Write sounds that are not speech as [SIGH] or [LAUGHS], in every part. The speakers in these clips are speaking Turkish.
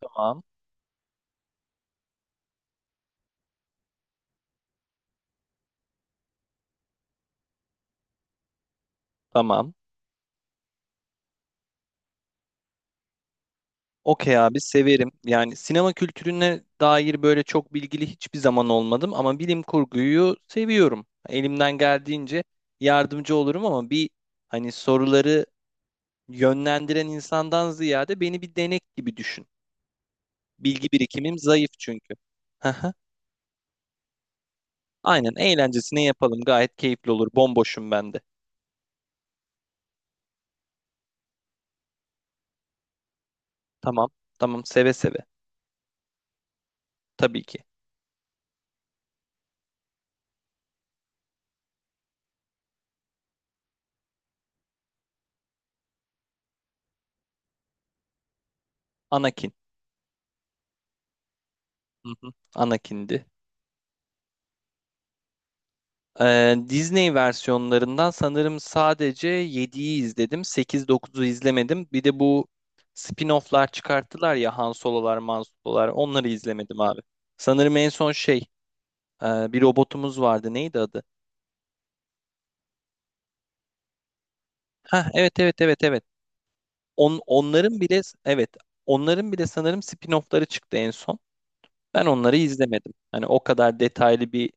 Tamam. Tamam. Okey abi severim. Yani sinema kültürüne dair böyle çok bilgili hiçbir zaman olmadım ama bilim kurguyu seviyorum. Elimden geldiğince yardımcı olurum ama bir hani soruları yönlendiren insandan ziyade beni bir denek gibi düşün. Bilgi birikimim zayıf çünkü. Haha. Aynen eğlencesine yapalım. Gayet keyifli olur. Bomboşum ben de. Tamam. Tamam seve seve. Tabii ki. Anakin. Hı hı. Anakin'di. Disney versiyonlarından sanırım sadece yediyi izledim. Sekiz, dokuzu izlemedim. Bir de bu spin-off'lar çıkarttılar ya Han Solo'lar, Man Solo'lar. Onları izlemedim abi. Sanırım en son şey bir robotumuz vardı. Neydi adı? Ha evet evet evet evet. Onların bile evet onların bile sanırım spin-off'ları çıktı en son. Ben onları izlemedim. Hani o kadar detaylı bir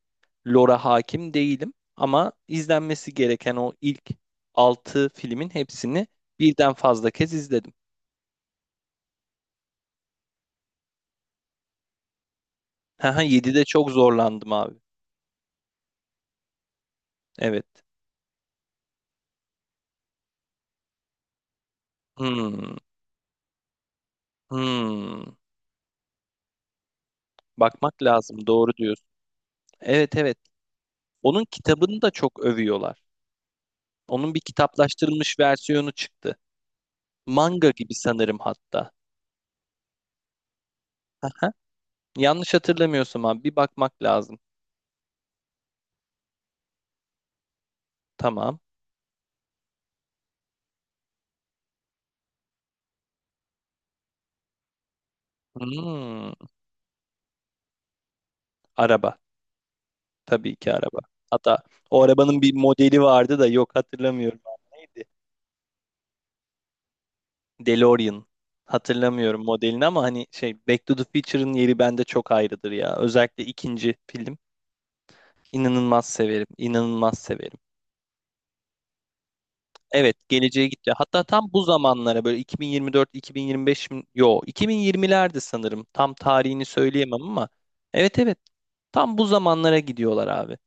lore'a hakim değilim ama izlenmesi gereken o ilk 6 filmin hepsini birden fazla kez izledim. [LAUGHS] Haha 7'de çok zorlandım abi. Evet. Hmm, hmm. Bakmak lazım. Doğru diyorsun. Evet evet. Onun kitabını da çok övüyorlar. Onun bir kitaplaştırılmış versiyonu çıktı. Manga gibi sanırım hatta. [LAUGHS] Haha. Yanlış hatırlamıyorsam abi bir bakmak lazım. Tamam. Hmm, Araba. Tabii ki araba. Hatta o arabanın bir modeli vardı da yok hatırlamıyorum. Neydi? DeLorean. Hatırlamıyorum modelini ama hani şey Back to the Future'ın yeri bende çok ayrıdır ya. Özellikle ikinci film. İnanılmaz severim. İnanılmaz severim. Evet, geleceğe gitti. Hatta tam bu zamanlara böyle 2024, 2025 mi? Yo, 2020'lerde sanırım. Tam tarihini söyleyemem ama. Evet evet. Tam bu zamanlara gidiyorlar abi.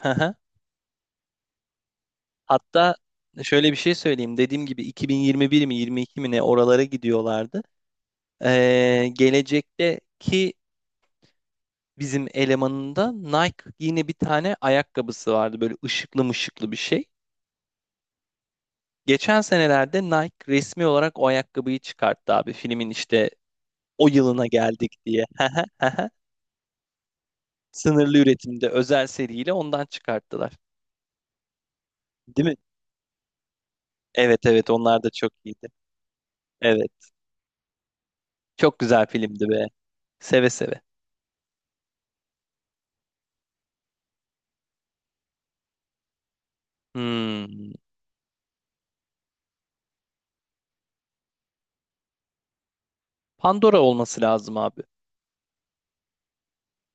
[LAUGHS] Hatta şöyle bir şey söyleyeyim. Dediğim gibi 2021 mi 22 mi ne oralara gidiyorlardı. Gelecekteki bizim elemanında Nike yine bir tane ayakkabısı vardı. Böyle ışıklı mışıklı bir şey. Geçen senelerde Nike resmi olarak o ayakkabıyı çıkarttı abi. Filmin işte o yılına geldik diye. [LAUGHS] Sınırlı üretimde özel seriyle ondan çıkarttılar. Değil mi? Evet evet onlar da çok iyiydi. Evet. Çok güzel filmdi be. Seve seve. Hmm. Pandora olması lazım abi.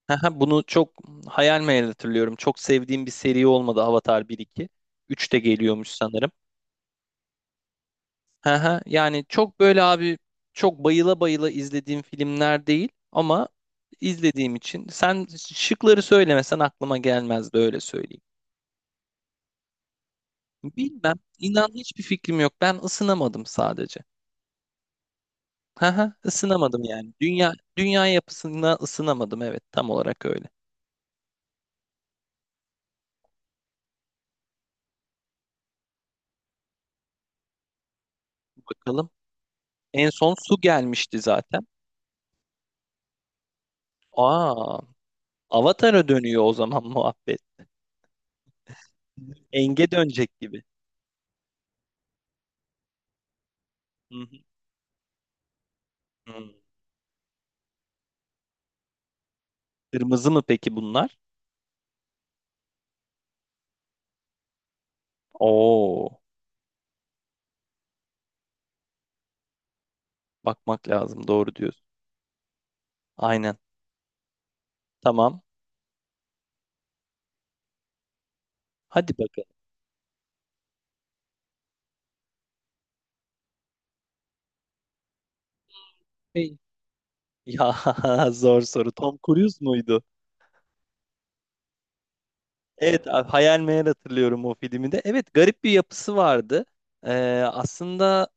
Haha, bunu çok hayal meyal hatırlıyorum. Çok sevdiğim bir seri olmadı Avatar bir iki üç de geliyormuş sanırım. Haha, yani çok böyle abi çok bayıla bayıla izlediğim filmler değil ama izlediğim için. Sen şıkları söylemesen aklıma gelmezdi öyle söyleyeyim. Bilmem. İnan hiçbir fikrim yok. Ben ısınamadım sadece. Haha, ısınamadım yani. Dünya yapısına ısınamadım. Evet, tam olarak öyle. Bakalım. En son su gelmişti zaten. Aa, Avatar'a dönüyor o zaman [LAUGHS] muhabbet. Enge dönecek gibi. Hı hı. Hı. Kırmızı mı peki bunlar? Oo, bakmak lazım. Doğru diyorsun. Aynen. Tamam. Hadi bakalım. Hey. Ya [LAUGHS] zor soru. Tom Cruise muydu? Evet, hayal meyal hatırlıyorum o filmi de. Evet, garip bir yapısı vardı. Ee, Aslında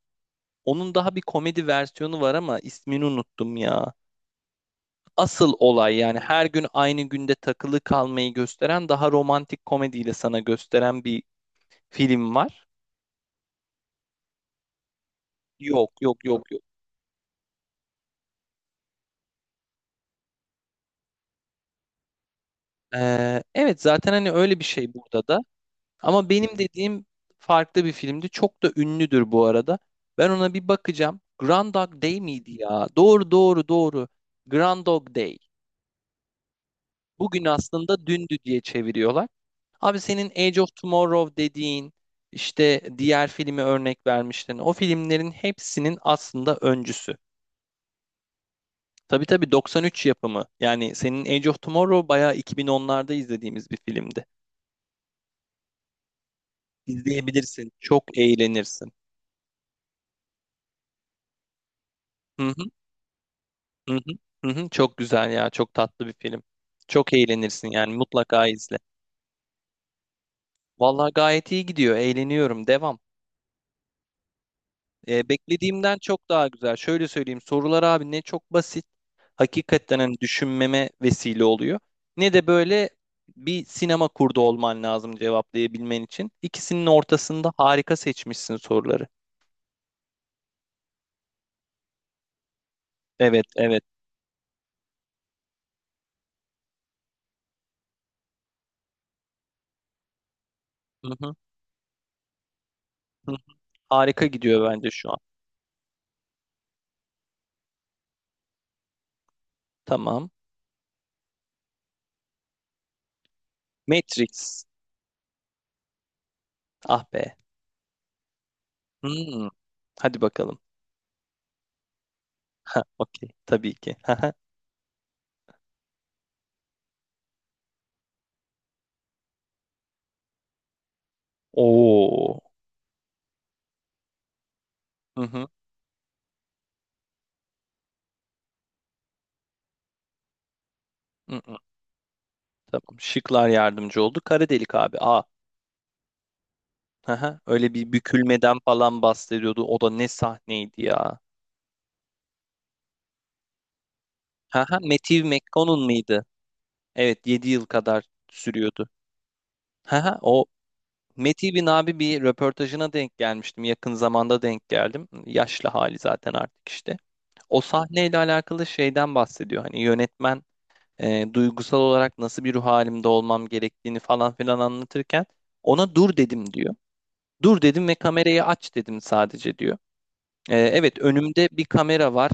onun daha bir komedi versiyonu var ama ismini unuttum ya. Asıl olay yani her gün aynı günde takılı kalmayı gösteren daha romantik komediyle sana gösteren bir film var. Yok yok yok yok. Evet zaten hani öyle bir şey burada da. Ama benim dediğim farklı bir filmdi. Çok da ünlüdür bu arada. Ben ona bir bakacağım. Grand Dog Day miydi ya? Doğru doğru doğru. Grand Dog Day. Bugün aslında dündü diye çeviriyorlar. Abi senin Age of Tomorrow dediğin işte diğer filmi örnek vermiştin. O filmlerin hepsinin aslında öncüsü. Tabii tabii 93 yapımı. Yani senin Age of Tomorrow bayağı 2010'larda izlediğimiz bir filmdi. İzleyebilirsin. Çok eğlenirsin. Hı hı, hı hı, hı hı. Çok güzel ya. Çok tatlı bir film. Çok eğlenirsin yani mutlaka izle. Vallahi gayet iyi gidiyor. Eğleniyorum. Devam. Beklediğimden çok daha güzel. Şöyle söyleyeyim. Sorular abi ne çok basit hakikaten hani düşünmeme vesile oluyor. Ne de böyle bir sinema kurdu olman lazım cevaplayabilmen için. İkisinin ortasında harika seçmişsin soruları. Evet, evet. Hı hı, hı. Harika gidiyor bence şu an. Tamam. Matrix. Ah be. Hmm, Hadi bakalım. [LAUGHS] Ha, okey. Tabii ki. [LAUGHS] Oo. Hı hı. Hı hı. Tamam. Şıklar yardımcı oldu. Kara delik abi. Aa. Haha. Öyle bir bükülmeden falan bahsediyordu. O da ne sahneydi ya. Haha, Matthew McConaughey mıydı? Evet 7 yıl kadar sürüyordu. Haha, o Matthew'in abi bir röportajına denk gelmiştim. Yakın zamanda denk geldim. Yaşlı hali zaten artık işte. O sahneyle alakalı şeyden bahsediyor. Hani yönetmen duygusal olarak nasıl bir ruh halimde olmam gerektiğini falan filan anlatırken ona dur dedim diyor. Dur dedim ve kamerayı aç dedim sadece diyor. Evet önümde bir kamera var.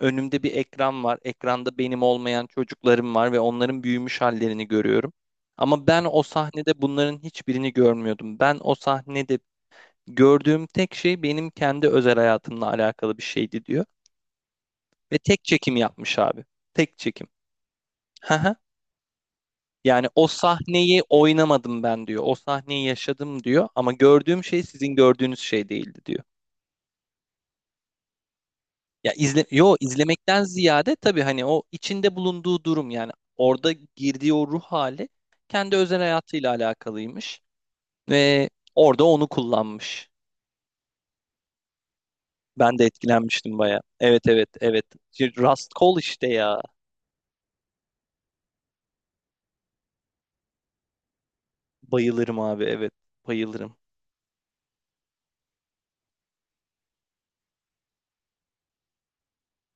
Önümde bir ekran var. Ekranda benim olmayan çocuklarım var ve onların büyümüş hallerini görüyorum. Ama ben o sahnede bunların hiçbirini görmüyordum. Ben o sahnede gördüğüm tek şey benim kendi özel hayatımla alakalı bir şeydi diyor. Ve tek çekim yapmış abi. Tek çekim. Hı hı. Yani o sahneyi oynamadım ben diyor. O sahneyi yaşadım diyor. Ama gördüğüm şey sizin gördüğünüz şey değildi diyor. Ya yo izlemekten ziyade tabii hani o içinde bulunduğu durum yani orada girdiği o ruh hali kendi özel hayatıyla alakalıymış ve orada onu kullanmış. Ben de etkilenmiştim baya. Evet evet evet. Şey, Rust Cole işte ya. Bayılırım abi evet. Bayılırım.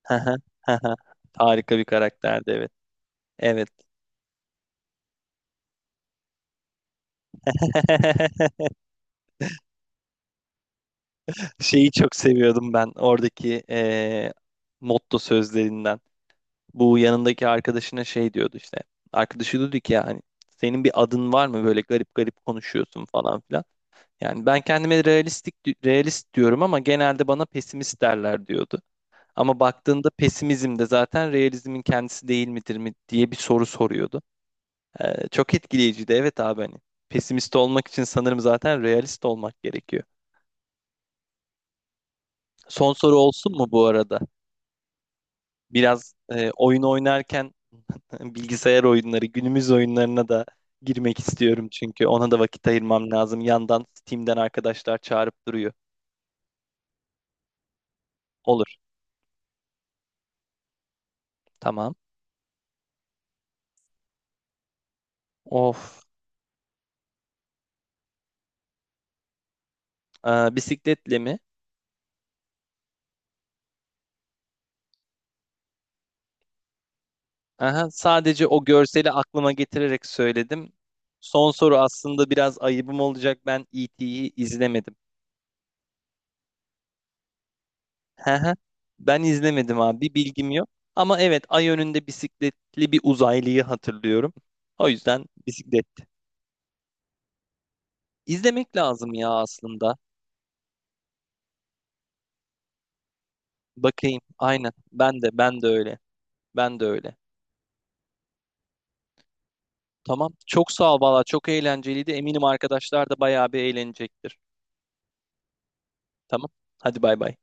[LAUGHS] Harika bir karakterdi evet. Evet. [LAUGHS] Şeyi çok seviyordum ben oradaki motto sözlerinden. Bu yanındaki arkadaşına şey diyordu işte. Arkadaşı diyordu ki ya hani senin bir adın var mı böyle garip garip konuşuyorsun falan filan. Yani ben kendime realist diyorum ama genelde bana pesimist derler diyordu. Ama baktığında pesimizm de zaten realizmin kendisi değil midir mi diye bir soru soruyordu. Çok etkileyiciydi. Evet abi hani pesimist olmak için sanırım zaten realist olmak gerekiyor. Son soru olsun mu bu arada? Biraz oyun oynarken [LAUGHS] Bilgisayar oyunları, günümüz oyunlarına da girmek istiyorum çünkü ona da vakit ayırmam lazım. Yandan Steam'den arkadaşlar çağırıp duruyor. Olur. Tamam. Of. Bisikletle mi? Aha, sadece o görseli aklıma getirerek söyledim. Son soru aslında biraz ayıbım olacak. Ben E.T.'yi izlemedim. Aha, ben izlemedim abi. Bilgim yok. Ama evet ay önünde bisikletli bir uzaylıyı hatırlıyorum. O yüzden bisiklet. İzlemek lazım ya aslında. Bakayım. Aynen. Ben de öyle. Ben de öyle. Tamam. Çok sağ ol valla. Çok eğlenceliydi. Eminim arkadaşlar da bayağı bir eğlenecektir. Tamam. Hadi bay bay.